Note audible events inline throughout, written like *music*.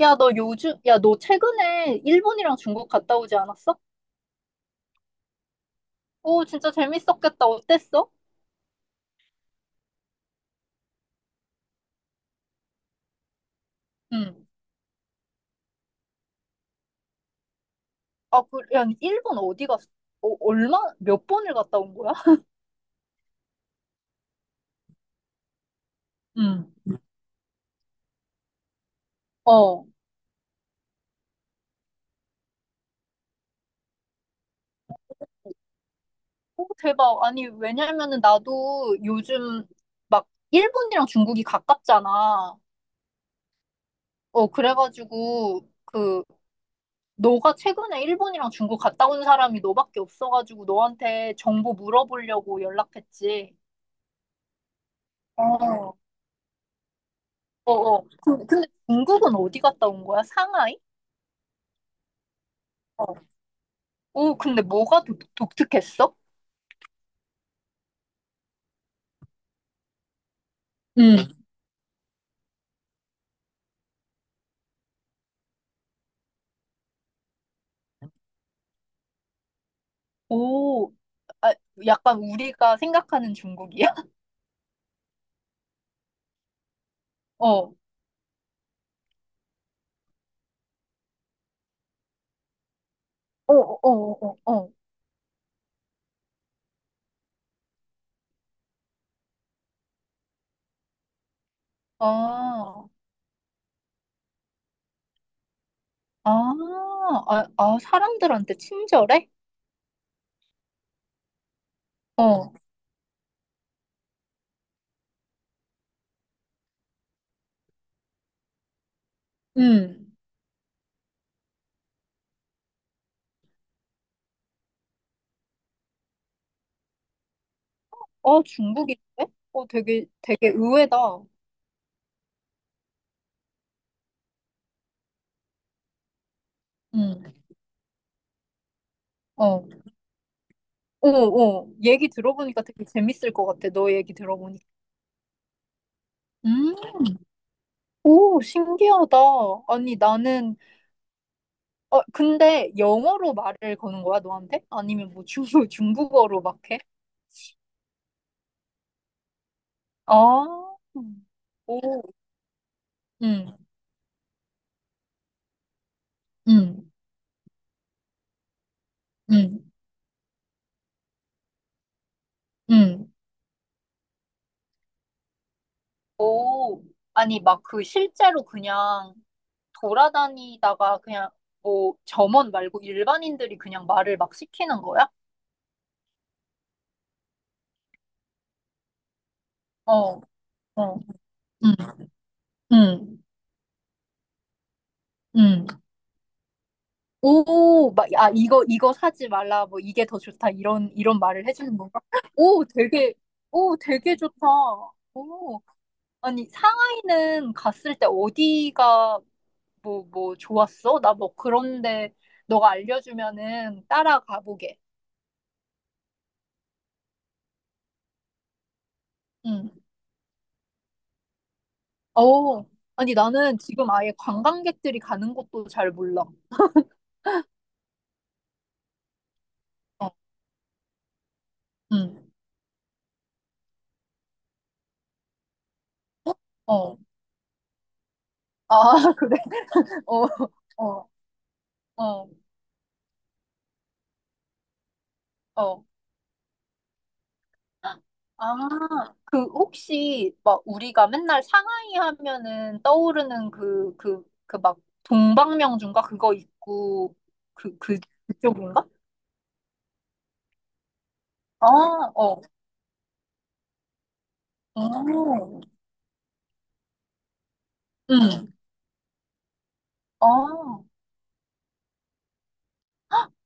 야, 너 최근에 일본이랑 중국 갔다 오지 않았어? 오, 진짜 재밌었겠다. 어땠어? 응. 아, 일본 어디 갔어? 어, 몇 번을 갔다 온 거야? *laughs* 응. 어. 오, 대박. 아니, 왜냐면은 나도 요즘 막 일본이랑 중국이 가깝잖아. 어, 그래가지고, 그, 너가 최근에 일본이랑 중국 갔다 온 사람이 너밖에 없어가지고 너한테 정보 물어보려고 연락했지. 어. 어, 어. 근데 중국은 어디 갔다 온 거야? 상하이? 어. 오, 근데 뭐가 독, 독특했어? 응. 오, 아, 약간 우리가 생각하는 중국이야? *laughs* 어. 어, 어, 어, 어. 어. 아, 아, 아, 아, 사람들한테 친절해? 어. 응. 어, 중국인데? 어, 되게, 되게 의외다. 응. 어. 어, 어. 얘기 들어보니까 되게 재밌을 것 같아. 너 얘기 들어보니까. 음. 오, 신기하다. 아니, 나는 어, 근데 영어로 말을 거는 거야, 너한테? 아니면 뭐 중국, *laughs* 중국어로 막 해? 아, 오, 응, 응, 응, 응. 오, 아니, 막 그 실제로 그냥 돌아다니다가 그냥 뭐 점원 말고 일반인들이 그냥 말을 막 시키는 거야? 어, 어, 응, 응, 응. 오, 막, 아, 이거 사지 말라, 뭐, 이게 더 좋다, 이런 말을 해주는 건가? 오, 되게, 오, 되게 좋다. 오, 아니, 상하이는 갔을 때 어디가, 뭐, 좋았어? 나 뭐, 그런데, 너가 알려주면은 따라가보게. 응. 오, 아니, 나는 지금 아예 관광객들이 가는 곳도 잘 몰라. 어, 응, 어. 아, *laughs* 그래? 어, 어, 어, 어. 아, 그 혹시 막 우리가 맨날 상하이 하면은 떠오르는 그 막 동방명주인가 그거 있고 그 그 그쪽인가? 아, 어. 오. 응. 아.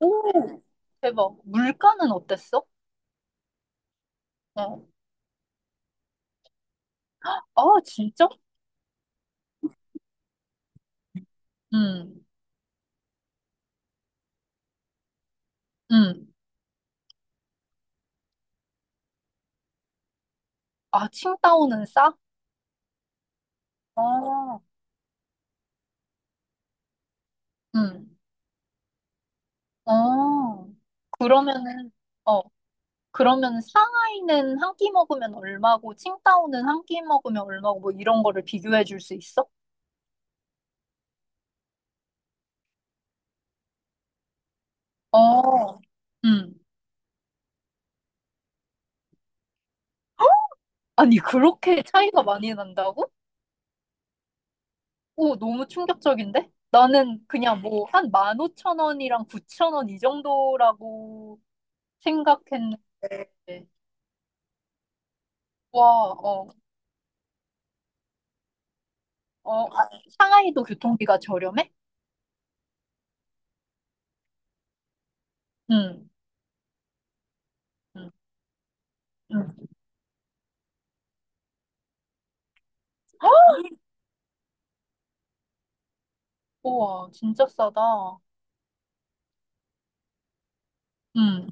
오. 대박. 물가는 어땠어? 어. 아, 진짜? 응. 응. 아, 칭다오는 싸? 아. 응. 어. 그러면은 어. 그러면 상하이는 한 끼 먹으면 얼마고 칭다오는 한 끼 먹으면 얼마고 뭐 이런 거를 비교해 줄 수 있어? 어. 음. 아니, 그렇게 차이가 많이 난다고? 오, 너무 충격적인데? 나는 그냥 뭐 한 15,000원이랑 9,000원 이 정도라고 생각했는데. 와, 어, 어, 아, 상하이도 교통비가 저렴해? 응, 응, 응. 우와, 진짜 싸다. 응.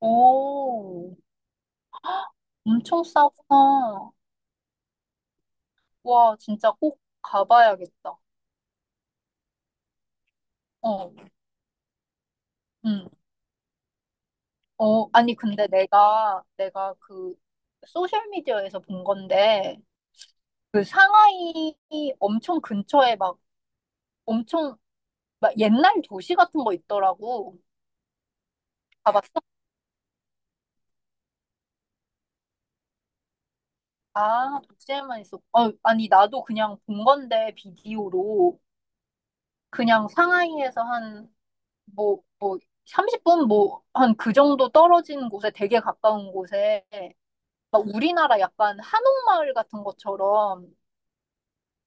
오, 엄청 싸구나. 와, 진짜 꼭 가봐야겠다. 어, 응. 어, 아니, 근데 내가 그, 소셜미디어에서 본 건데, 그 상하이 엄청 근처에 막, 엄청, 막 옛날 도시 같은 거 있더라고. 가봤어? 아, 도시에만 있어. 어, 아니, 나도 그냥 본 건데, 비디오로. 그냥 상하이에서 한, 뭐, 30분, 뭐, 한 그 정도 떨어진 곳에, 되게 가까운 곳에, 막 우리나라 약간 한옥마을 같은 것처럼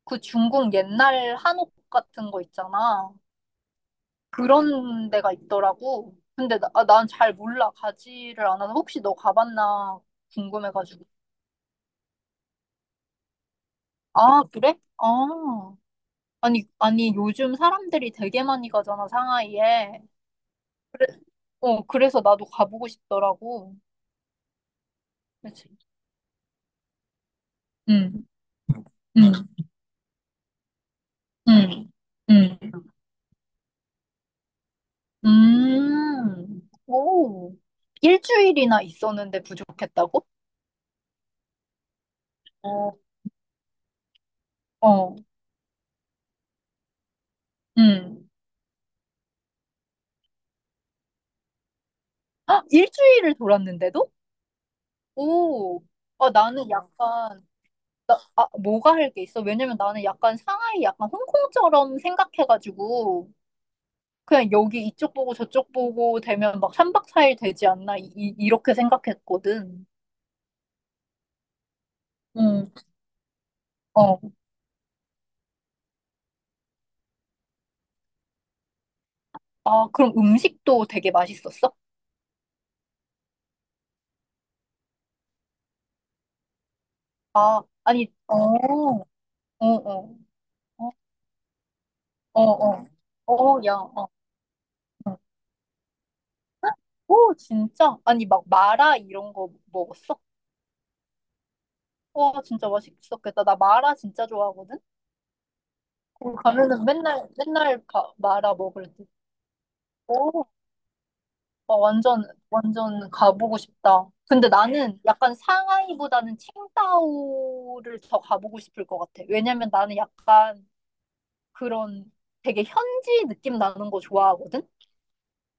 그 중국 옛날 한옥 같은 거 있잖아. 그런 데가 있더라고. 근데 나, 아, 난잘 몰라. 가지를 않아서 혹시 너 가봤나 궁금해가지고. 아, 그래? 아. 아니, 아니, 요즘 사람들이 되게 많이 가잖아, 상하이에. 그래, 어, 그래서 나도 가보고 싶더라고. 그치? 응, 응, 응, 응. 오, 일주일이나 있었는데 부족했다고? 어, 어, 음. 아, 일주일을 돌았는데도? 오, 아, 나는 약간, 나, 아, 뭐가 할 게 있어? 왜냐면 나는 약간 상하이 약간 홍콩처럼 생각해가지고, 그냥 여기 이쪽 보고 저쪽 보고 되면 막 삼박사일 되지 않나, 이, 이- 이렇게 생각했거든. 음, 어. 아, 그럼 음식도 되게 맛있었어? 아, 아니, 어, 어, 어. 어, 어. 어, 야, 어. 어. 오, 진짜? 아니, 막 마라 이런 거 먹었어? 와, 진짜 맛있었겠다. 나 마라 진짜 좋아하거든? 거기 가면은 맨날, 맨날 가, 마라 먹을 때. 오, 와, 완전, 완전 가보고 싶다. 근데 나는 약간 상하이보다는 칭다오를 더 가보고 싶을 것 같아. 왜냐면 나는 약간 그런 되게 현지 느낌 나는 거 좋아하거든?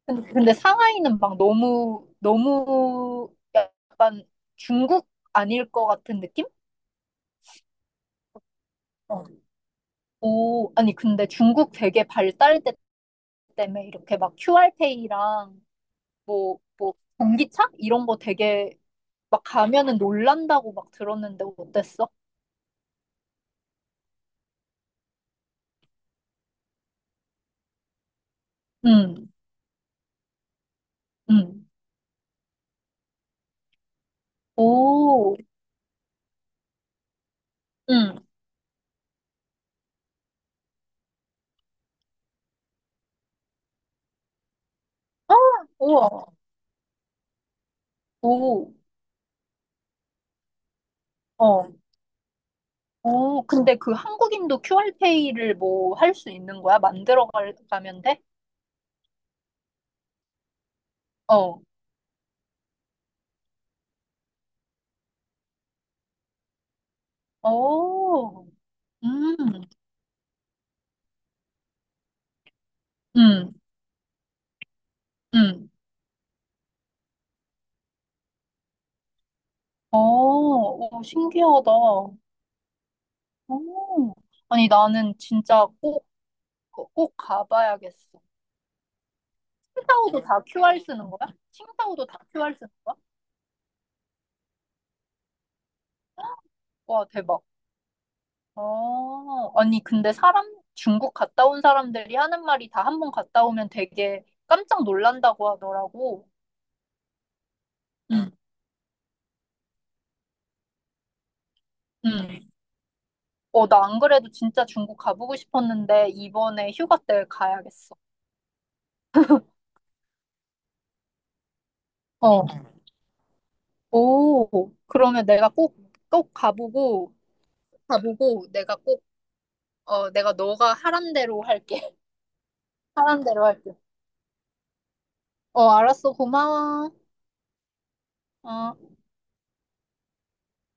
근데 상하이는 막 너무, 너무 약간 중국 아닐 것 같은 느낌? 어, 오, 아니, 근데 중국 되게 발달됐 때문에 이렇게 막 QR페이랑 뭐, 전기차? 이런 거 되게 막 가면은 놀란다고 막 들었는데 어땠어? 응, 응. 오, 응. 아, 우와. 오, 어. 오, 근데 그 한국인도 QR페이를 뭐 할 수 있는 거야? 만들어 갈- 가면 돼? 어. 오, 음, 음, 음, 오, 오, 신기하다. 오, 아니, 나는 진짜 꼭, 꼭 가봐야겠어. 칭타오도 다 QR 쓰는 거야? 칭타오도 다 QR 쓰는 거야? 와, 대박. 어, 아니, 중국 갔다 온 사람들이 하는 말이 다 한 번 갔다 오면 되게 깜짝 놀란다고 하더라고. 응, 응. 어, 나 안 그래도 진짜 중국 가보고 싶었는데, 이번에 휴가 때 가야겠어. 어. 오, 그러면 내가 꼭, 꼭 가보고, 가보고, 내가 꼭, 어, 내가 너가 하란 대로 할게. *laughs* 하란 대로 할게. 어, 알았어. 고마워. 어.